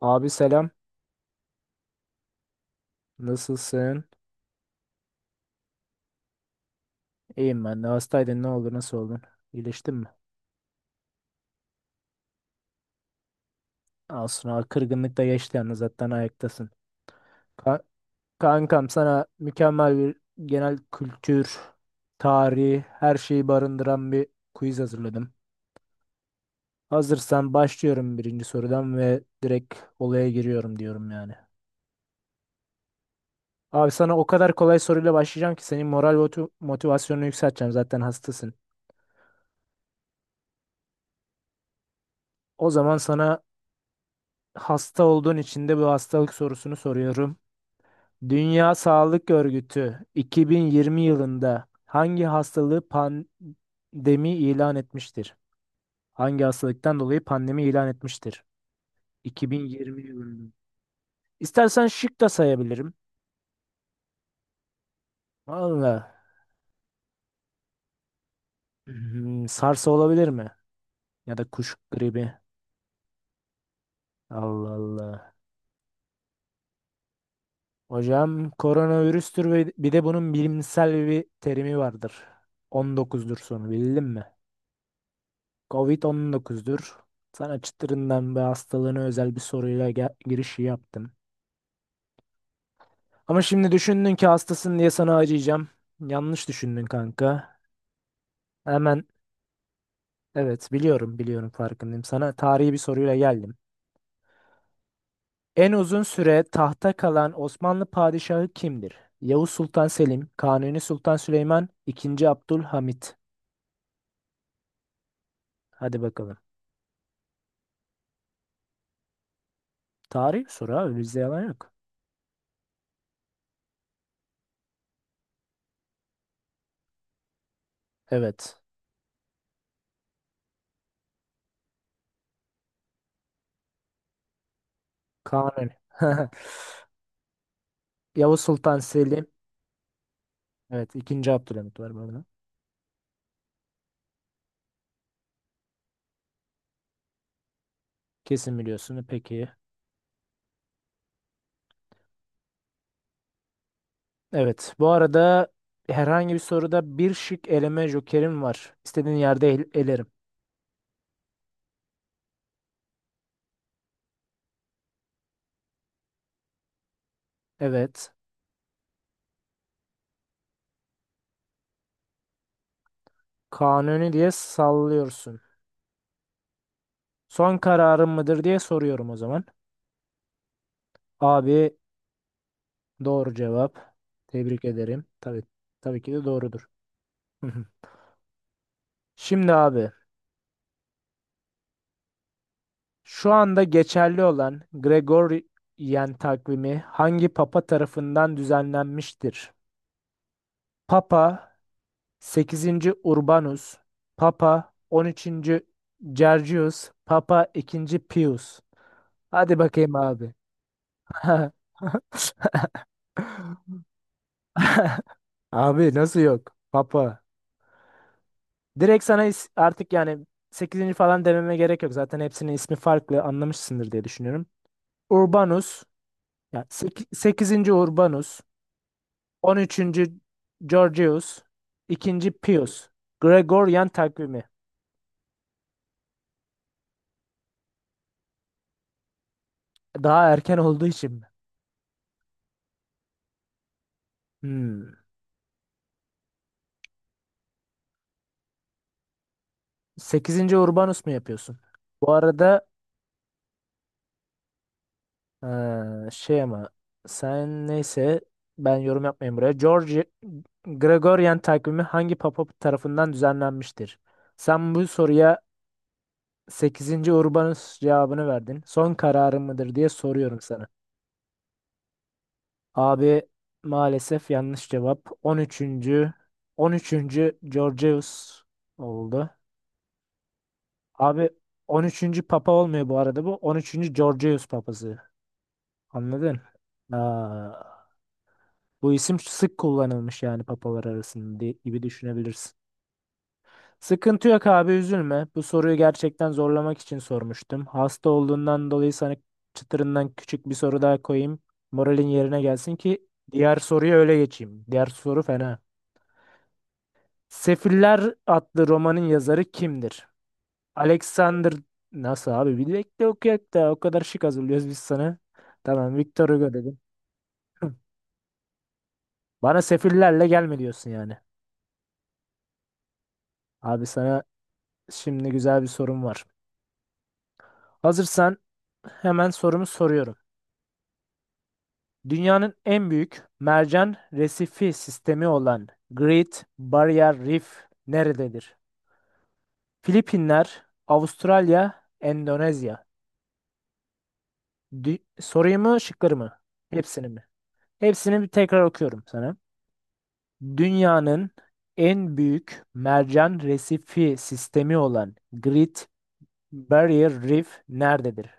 Abi selam. Nasılsın? İyiyim ben de. Hastaydın ne oldu? Nasıl oldun? İyileştin mi? Aslında kırgınlık da geçti yani zaten ayaktasın. Ka- kankam sana mükemmel bir genel kültür, tarihi, her şeyi barındıran bir quiz hazırladım. Hazırsan başlıyorum birinci sorudan ve direkt olaya giriyorum diyorum yani. Abi sana o kadar kolay soruyla başlayacağım ki senin moral ve motivasyonunu yükselteceğim zaten hastasın. O zaman sana hasta olduğun için de bu hastalık sorusunu soruyorum. Dünya Sağlık Örgütü 2020 yılında hangi hastalığı pandemi ilan etmiştir? Hangi hastalıktan dolayı pandemi ilan etmiştir? 2020 yılında. İstersen şık da sayabilirim. Valla. Sarsa olabilir mi? Ya da kuş gribi. Allah Allah. Hocam koronavirüstür ve bir de bunun bilimsel bir terimi vardır. 19'dur sonu bildin mi? Covid-19'dur. Sana çıtırından ve hastalığına özel bir soruyla girişi yaptım. Ama şimdi düşündün ki hastasın diye sana acıyacağım. Yanlış düşündün kanka. Hemen evet biliyorum biliyorum, farkındayım. Sana tarihi bir soruyla geldim. En uzun süre tahta kalan Osmanlı padişahı kimdir? Yavuz Sultan Selim, Kanuni Sultan Süleyman, II. Abdülhamit. Hadi bakalım. Tarihi bir soru abi, bizde yalan yok. Evet. Kanuni. Yavuz Sultan Selim. Evet, ikinci Abdülhamit var burada. Kesin biliyorsun. Peki. Evet. Bu arada herhangi bir soruda bir şık eleme jokerim var. İstediğin yerde elerim. Evet. Kanuni diye sallıyorsun. Son kararın mıdır diye soruyorum o zaman. Abi, doğru cevap. Tebrik ederim. Tabii, tabii ki de doğrudur. Hı hı. Şimdi abi, şu anda geçerli olan Gregorian takvimi hangi papa tarafından düzenlenmiştir? Papa sekizinci Urbanus, Papa on üçüncü Gergius, Papa ikinci Pius. Hadi bakayım abi. Abi nasıl yok? Papa. Direkt sana artık yani sekizinci falan dememe gerek yok. Zaten hepsinin ismi farklı anlamışsındır diye düşünüyorum. Urbanus, yani sekizinci Urbanus, on üçüncü Georgius, ikinci Pius. Gregorian takvimi. Daha erken olduğu için mi? Hmm. Sekizinci Urbanus mu yapıyorsun? Bu arada şey ama, sen neyse, ben yorum yapmayayım buraya. George Gregorian takvimi hangi papa tarafından düzenlenmiştir? Sen bu soruya sekizinci Urbanus cevabını verdin. Son kararın mıdır diye soruyorum sana. Abi, maalesef yanlış cevap. On üçüncü Georgius oldu. Abi on üçüncü papa olmuyor bu arada bu. On üçüncü Georgius papası. Anladın? Aa, bu isim sık kullanılmış yani papalar arasında gibi düşünebilirsin. Sıkıntı yok abi, üzülme. Bu soruyu gerçekten zorlamak için sormuştum. Hasta olduğundan dolayı sana çıtırından küçük bir soru daha koyayım. Moralin yerine gelsin ki diğer soruya öyle geçeyim. Diğer soru fena. Sefiller adlı romanın yazarı kimdir? Alexander nasıl abi? Bir bekle okuyak da, o kadar şık hazırlıyoruz biz sana. Tamam, Victor Hugo dedim. Bana sefillerle gelme diyorsun yani. Abi sana şimdi güzel bir sorum var. Hazırsan hemen sorumu soruyorum. Dünyanın en büyük mercan resifi sistemi olan Great Barrier Reef nerededir? Filipinler, Avustralya, Endonezya. Soruyu mu, şıkları mı? Hepsini mi? Hepsini bir tekrar okuyorum sana. Dünyanın en büyük mercan resifi sistemi olan Great Barrier Reef nerededir?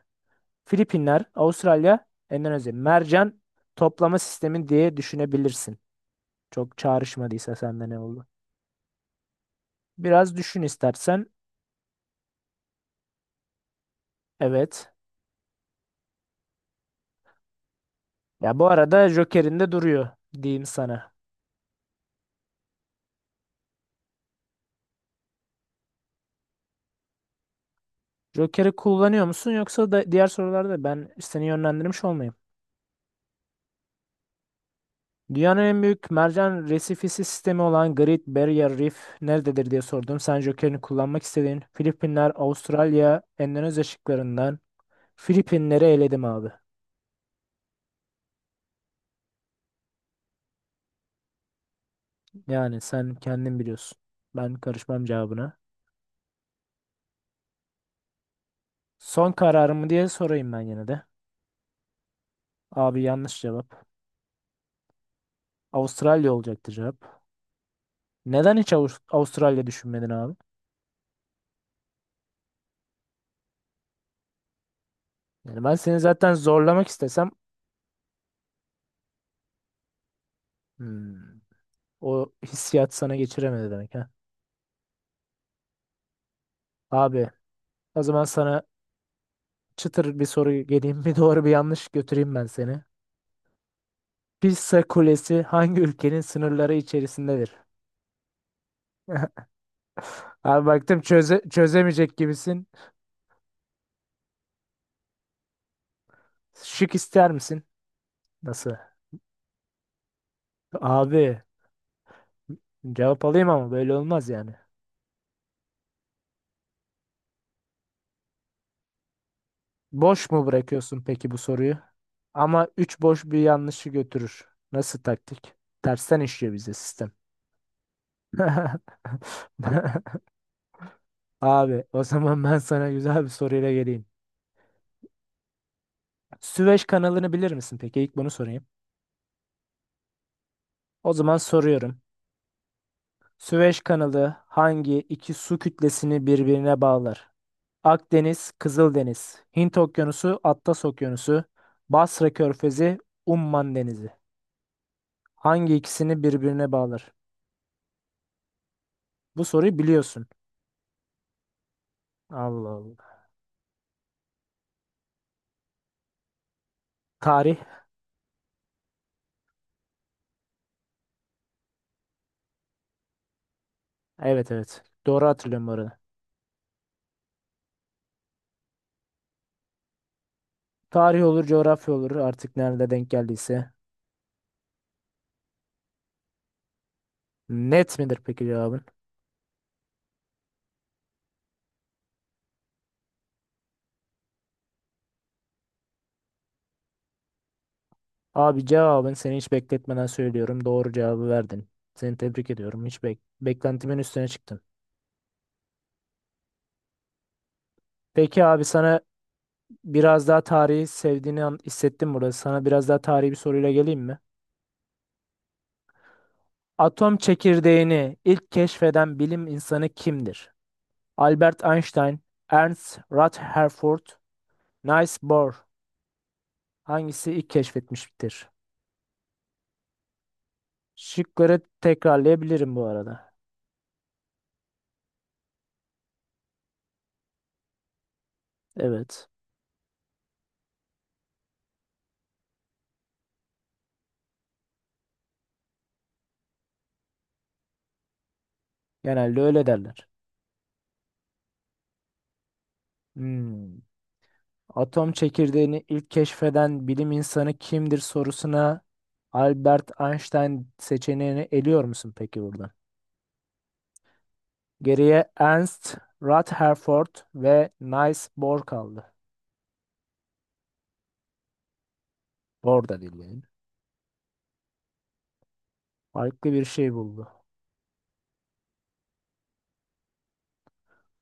Filipinler, Avustralya, Endonezya. Mercan toplama sistemi diye düşünebilirsin. Çok çağrışmadıysa sende, ne oldu? Biraz düşün istersen. Evet. Ya bu arada Joker'in de duruyor diyeyim sana. Joker'i kullanıyor musun, yoksa da diğer sorularda ben seni yönlendirmiş olmayayım. Dünyanın en büyük mercan resifisi sistemi olan Great Barrier Reef nerededir diye sordum. Sen Joker'ini kullanmak istediğin Filipinler, Avustralya, Endonezya şıklarından Filipinleri eledim abi. Yani sen kendin biliyorsun. Ben karışmam cevabına. Son kararımı diye sorayım ben yine de. Abi, yanlış cevap. Avustralya olacaktı cevap. Neden hiç Avustralya düşünmedin abi? Yani ben seni zaten zorlamak istesem, hmm, o hissiyat sana geçiremedi demek ha. Abi, o zaman sana çıtır bir soru geleyim, bir doğru bir yanlış götüreyim ben seni. Pisa Kulesi hangi ülkenin sınırları içerisindedir? Abi baktım çözemeyecek gibisin. Şık ister misin? Nasıl? Abi cevap alayım ama böyle olmaz yani. Boş mu bırakıyorsun peki bu soruyu? Ama 3 boş bir yanlışı götürür. Nasıl taktik? Tersten işliyor bize sistem. Abi o zaman ben sana güzel bir soruyla geleyim. Süveyş kanalını bilir misin peki? İlk bunu sorayım. O zaman soruyorum. Süveyş kanalı hangi iki su kütlesini birbirine bağlar? Akdeniz, Kızıldeniz, Hint Okyanusu, Atlas Okyanusu, Basra Körfezi, Umman Denizi. Hangi ikisini birbirine bağlar? Bu soruyu biliyorsun. Allah Allah. Tarih. Evet, evet. Doğru hatırlıyorum bu arada. Tarih olur, coğrafya olur. Artık nerede denk geldiyse. Net midir peki cevabın? Abi, cevabın, seni hiç bekletmeden söylüyorum, doğru cevabı verdin. Seni tebrik ediyorum. Hiç beklentimin üstüne çıktın. Peki abi sana biraz daha tarihi sevdiğini hissettim burada. Sana biraz daha tarihi bir soruyla geleyim mi? Atom çekirdeğini ilk keşfeden bilim insanı kimdir? Albert Einstein, Ernst Rutherford, Niels Bohr, hangisi ilk keşfetmiştir? Şıkları tekrarlayabilirim bu arada. Evet, genelde öyle derler. Hmm. Atom çekirdeğini ilk keşfeden bilim insanı kimdir sorusuna Albert Einstein seçeneğini eliyor musun peki buradan? Geriye Ernst Rutherford ve Niels Bohr kaldı. Bohr da değil yani. Farklı bir şey buldu.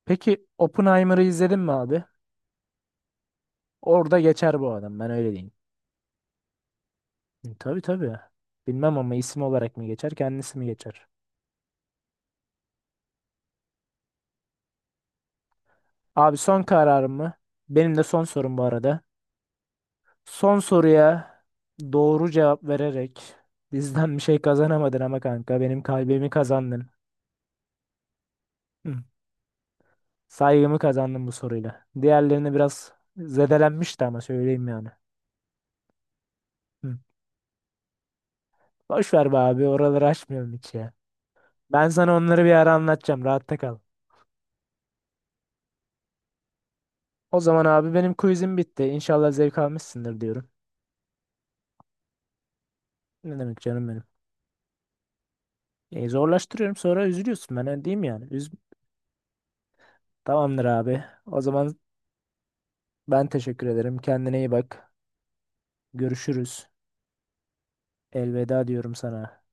Peki Oppenheimer'ı izledin mi abi? Orada geçer bu adam, ben öyle diyeyim. Hı, tabii tabii. Bilmem ama, isim olarak mı geçer kendisi mi geçer? Abi son kararım mı? Benim de son sorum bu arada. Son soruya doğru cevap vererek bizden bir şey kazanamadın ama kanka, benim kalbimi kazandın. Hı, saygımı kazandın bu soruyla. Diğerlerini biraz zedelenmişti ama, söyleyeyim yani. Hı. Boş ver be abi, oraları açmıyorum hiç ya. Ben sana onları bir ara anlatacağım, rahatta kal. O zaman abi benim quizim bitti. İnşallah zevk almışsındır diyorum. Ne demek canım benim. Zorlaştırıyorum sonra üzülüyorsun. Ben öyle diyeyim yani. Tamamdır abi. O zaman ben teşekkür ederim. Kendine iyi bak. Görüşürüz. Elveda diyorum sana.